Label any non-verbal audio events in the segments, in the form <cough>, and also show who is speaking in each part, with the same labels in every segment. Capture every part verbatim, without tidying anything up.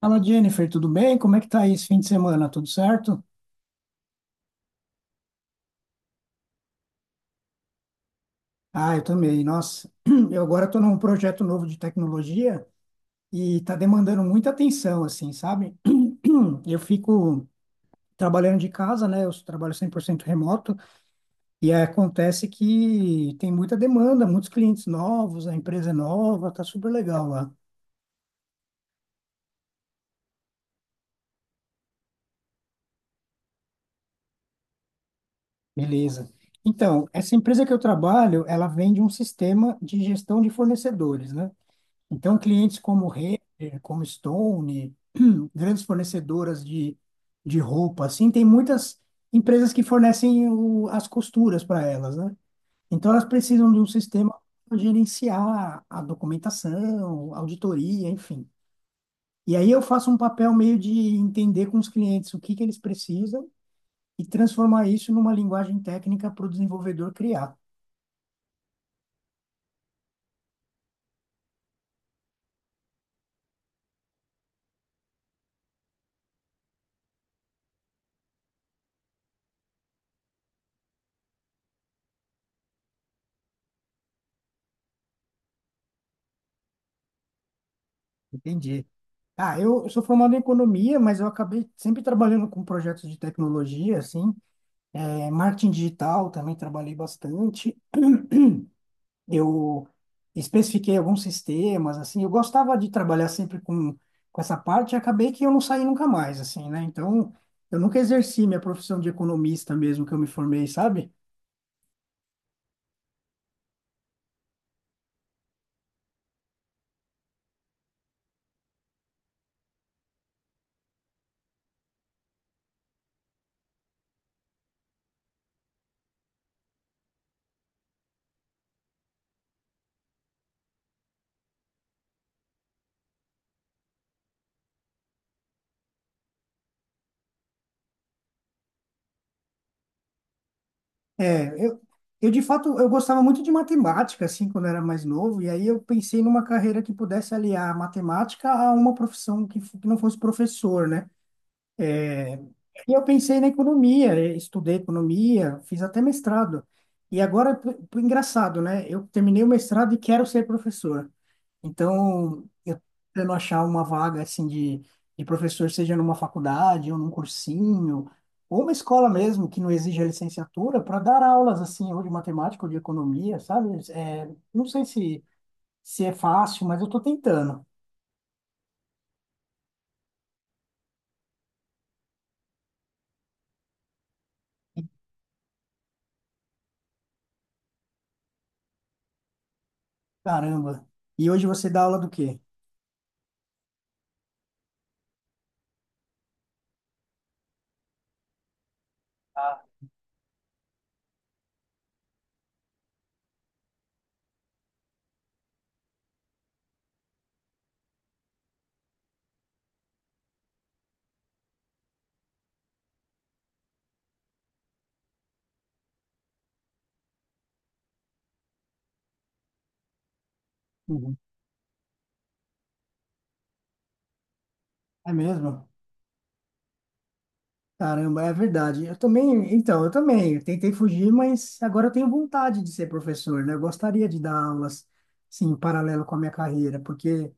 Speaker 1: Fala, Jennifer, tudo bem? Como é que tá aí esse fim de semana? Tudo certo? Ah, eu também. Nossa, <clears throat> eu agora estou num projeto novo de tecnologia e está demandando muita atenção, assim, sabe? <clears throat> Eu fico trabalhando de casa, né? Eu trabalho cem por cento remoto e aí acontece que tem muita demanda, muitos clientes novos, a empresa é nova, tá super legal lá. Beleza. Então, essa empresa que eu trabalho, ela vende um sistema de gestão de fornecedores, né? Então, clientes como Renner, como Stone, <clears throat> grandes fornecedoras de, de roupa, assim, tem muitas empresas que fornecem o- as costuras para elas, né? Então, elas precisam de um sistema para gerenciar a documentação, auditoria, enfim. E aí eu faço um papel meio de entender com os clientes o que que eles precisam e transformar isso numa linguagem técnica para o desenvolvedor criar. Entendi. Ah, eu, eu sou formado em economia, mas eu acabei sempre trabalhando com projetos de tecnologia, assim, é, marketing digital também trabalhei bastante. Eu especifiquei alguns sistemas, assim, eu gostava de trabalhar sempre com, com essa parte e acabei que eu não saí nunca mais, assim, né? Então, eu nunca exerci minha profissão de economista mesmo que eu me formei, sabe? É, eu, eu de fato eu gostava muito de matemática assim quando eu era mais novo e aí eu pensei numa carreira que pudesse aliar a matemática a uma profissão que, f- que não fosse professor, né? E eu pensei na economia, e estudei economia, fiz até mestrado. E agora, p- p- engraçado, né? Eu terminei o mestrado e quero ser professor. Então, eu tendo achar uma vaga assim de, de professor, seja numa faculdade ou num cursinho, ou uma escola mesmo que não exija licenciatura, para dar aulas assim, ou de matemática ou de economia, sabe? É, não sei se, se é fácil, mas eu estou tentando. Caramba. E hoje você dá aula do quê? Ah. Uhum. É mesmo? Caramba, é verdade. Eu também, então, eu também, eu tentei fugir, mas agora eu tenho vontade de ser professor, né? Eu gostaria de dar aulas, sim, em paralelo com a minha carreira, porque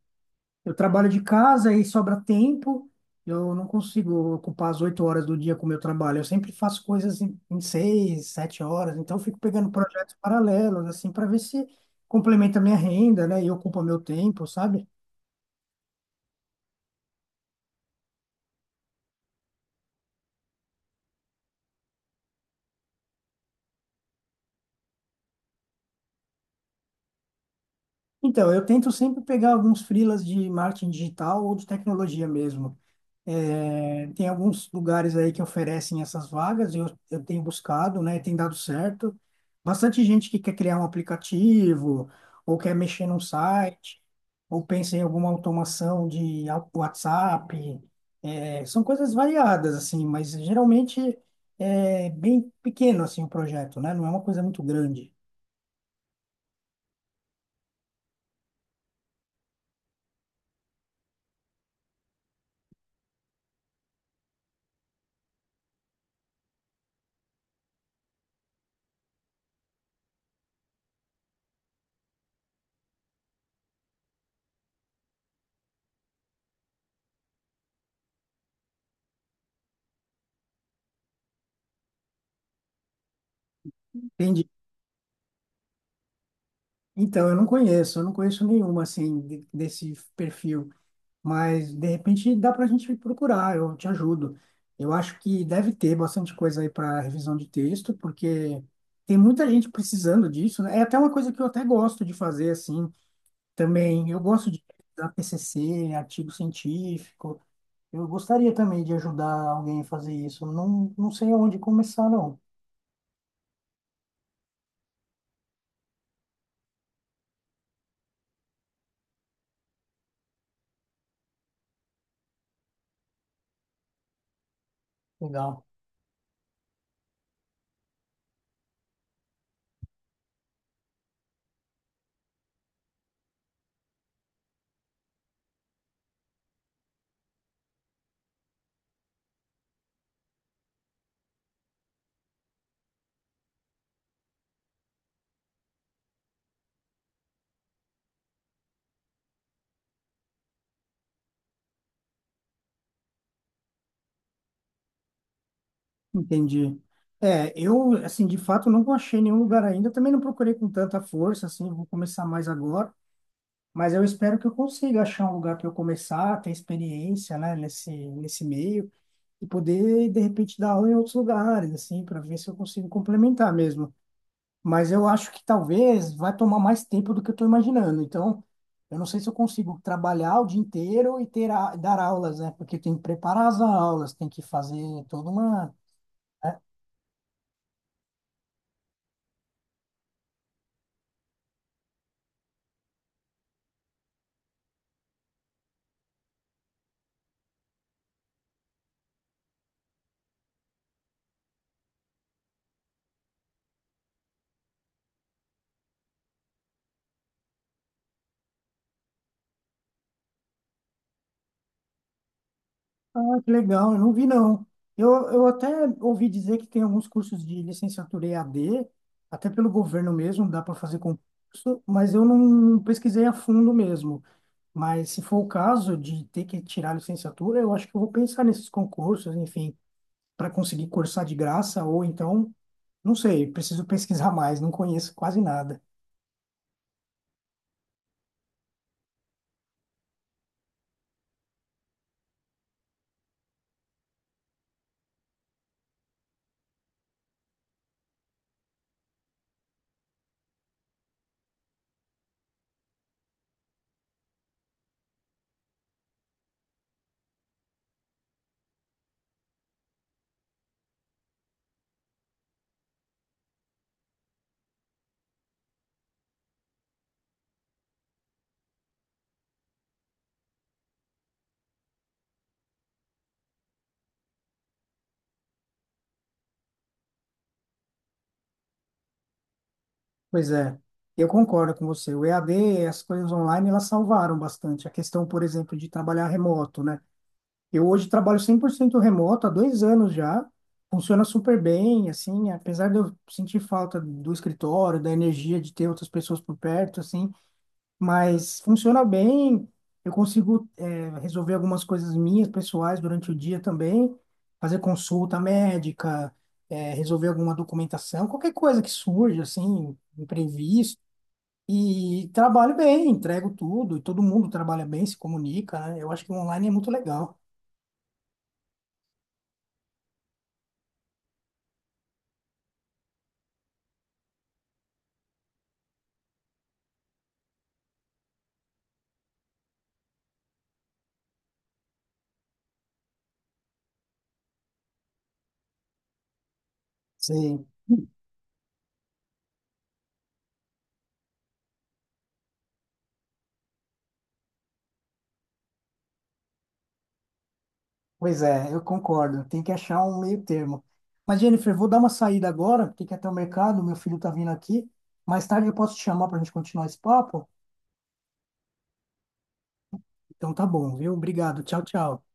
Speaker 1: eu trabalho de casa e sobra tempo. Eu não consigo ocupar as oito horas do dia com o meu trabalho. Eu sempre faço coisas em, em seis, sete horas. Então, eu fico pegando projetos paralelos, assim, para ver se complementa a minha renda, né? E ocupa meu tempo, sabe? Então, eu tento sempre pegar alguns freelas de marketing digital ou de tecnologia mesmo. É, tem alguns lugares aí que oferecem essas vagas, e eu, eu tenho buscado, né? Tem dado certo. Bastante gente que quer criar um aplicativo, ou quer mexer num site, ou pensa em alguma automação de au- WhatsApp. É, são coisas variadas, assim, mas geralmente é bem pequeno, assim, o projeto, né? Não é uma coisa muito grande. Entendi. Então, eu não conheço, eu não conheço nenhuma, assim, de- desse perfil. Mas, de repente, dá para a gente procurar, eu te ajudo. Eu acho que deve ter bastante coisa aí para revisão de texto, porque tem muita gente precisando disso, né? É até uma coisa que eu até gosto de fazer, assim, também. Eu gosto de dar T C C, artigo científico. Eu gostaria também de ajudar alguém a fazer isso. Não, não sei aonde começar, não. Legal. Entendi. É, eu, assim, de fato, não achei nenhum lugar ainda. Também não procurei com tanta força, assim, vou começar mais agora. Mas eu espero que eu consiga achar um lugar para eu começar, ter experiência, né, nesse, nesse meio e poder, de repente, dar aula em outros lugares, assim, para ver se eu consigo complementar mesmo. Mas eu acho que talvez vai tomar mais tempo do que eu estou imaginando. Então, eu não sei se eu consigo trabalhar o dia inteiro e ter a, dar aulas, né? Porque tem que preparar as aulas, tem que fazer toda uma. Ah, que legal, eu não vi não. Eu, eu até ouvi dizer que tem alguns cursos de licenciatura E A D, até pelo governo mesmo, dá para fazer concurso, mas eu não pesquisei a fundo mesmo. Mas se for o caso de ter que tirar a licenciatura, eu acho que eu vou pensar nesses concursos, enfim, para conseguir cursar de graça, ou então, não sei, preciso pesquisar <laughs> mais, não conheço quase nada. Pois é, eu concordo com você. O E A D, as coisas online, elas salvaram bastante. A questão, por exemplo, de trabalhar remoto, né? Eu hoje trabalho cem por cento remoto há dois anos já. Funciona super bem, assim, apesar de eu sentir falta do escritório, da energia de ter outras pessoas por perto, assim, mas funciona bem. Eu consigo, eh, resolver algumas coisas minhas, pessoais, durante o dia também, fazer consulta médica, eh, resolver alguma documentação, qualquer coisa que surja, assim, imprevisto. E trabalho bem, entrego tudo, e todo mundo trabalha bem, se comunica, né? Eu acho que o online é muito legal. Sim. Pois é, eu concordo. Tem que achar um meio termo. Mas, Jennifer, vou dar uma saída agora, porque quer ter o mercado, meu filho tá vindo aqui. Mais tarde eu posso te chamar para a gente continuar esse papo? Então tá bom, viu? Obrigado. Tchau, tchau.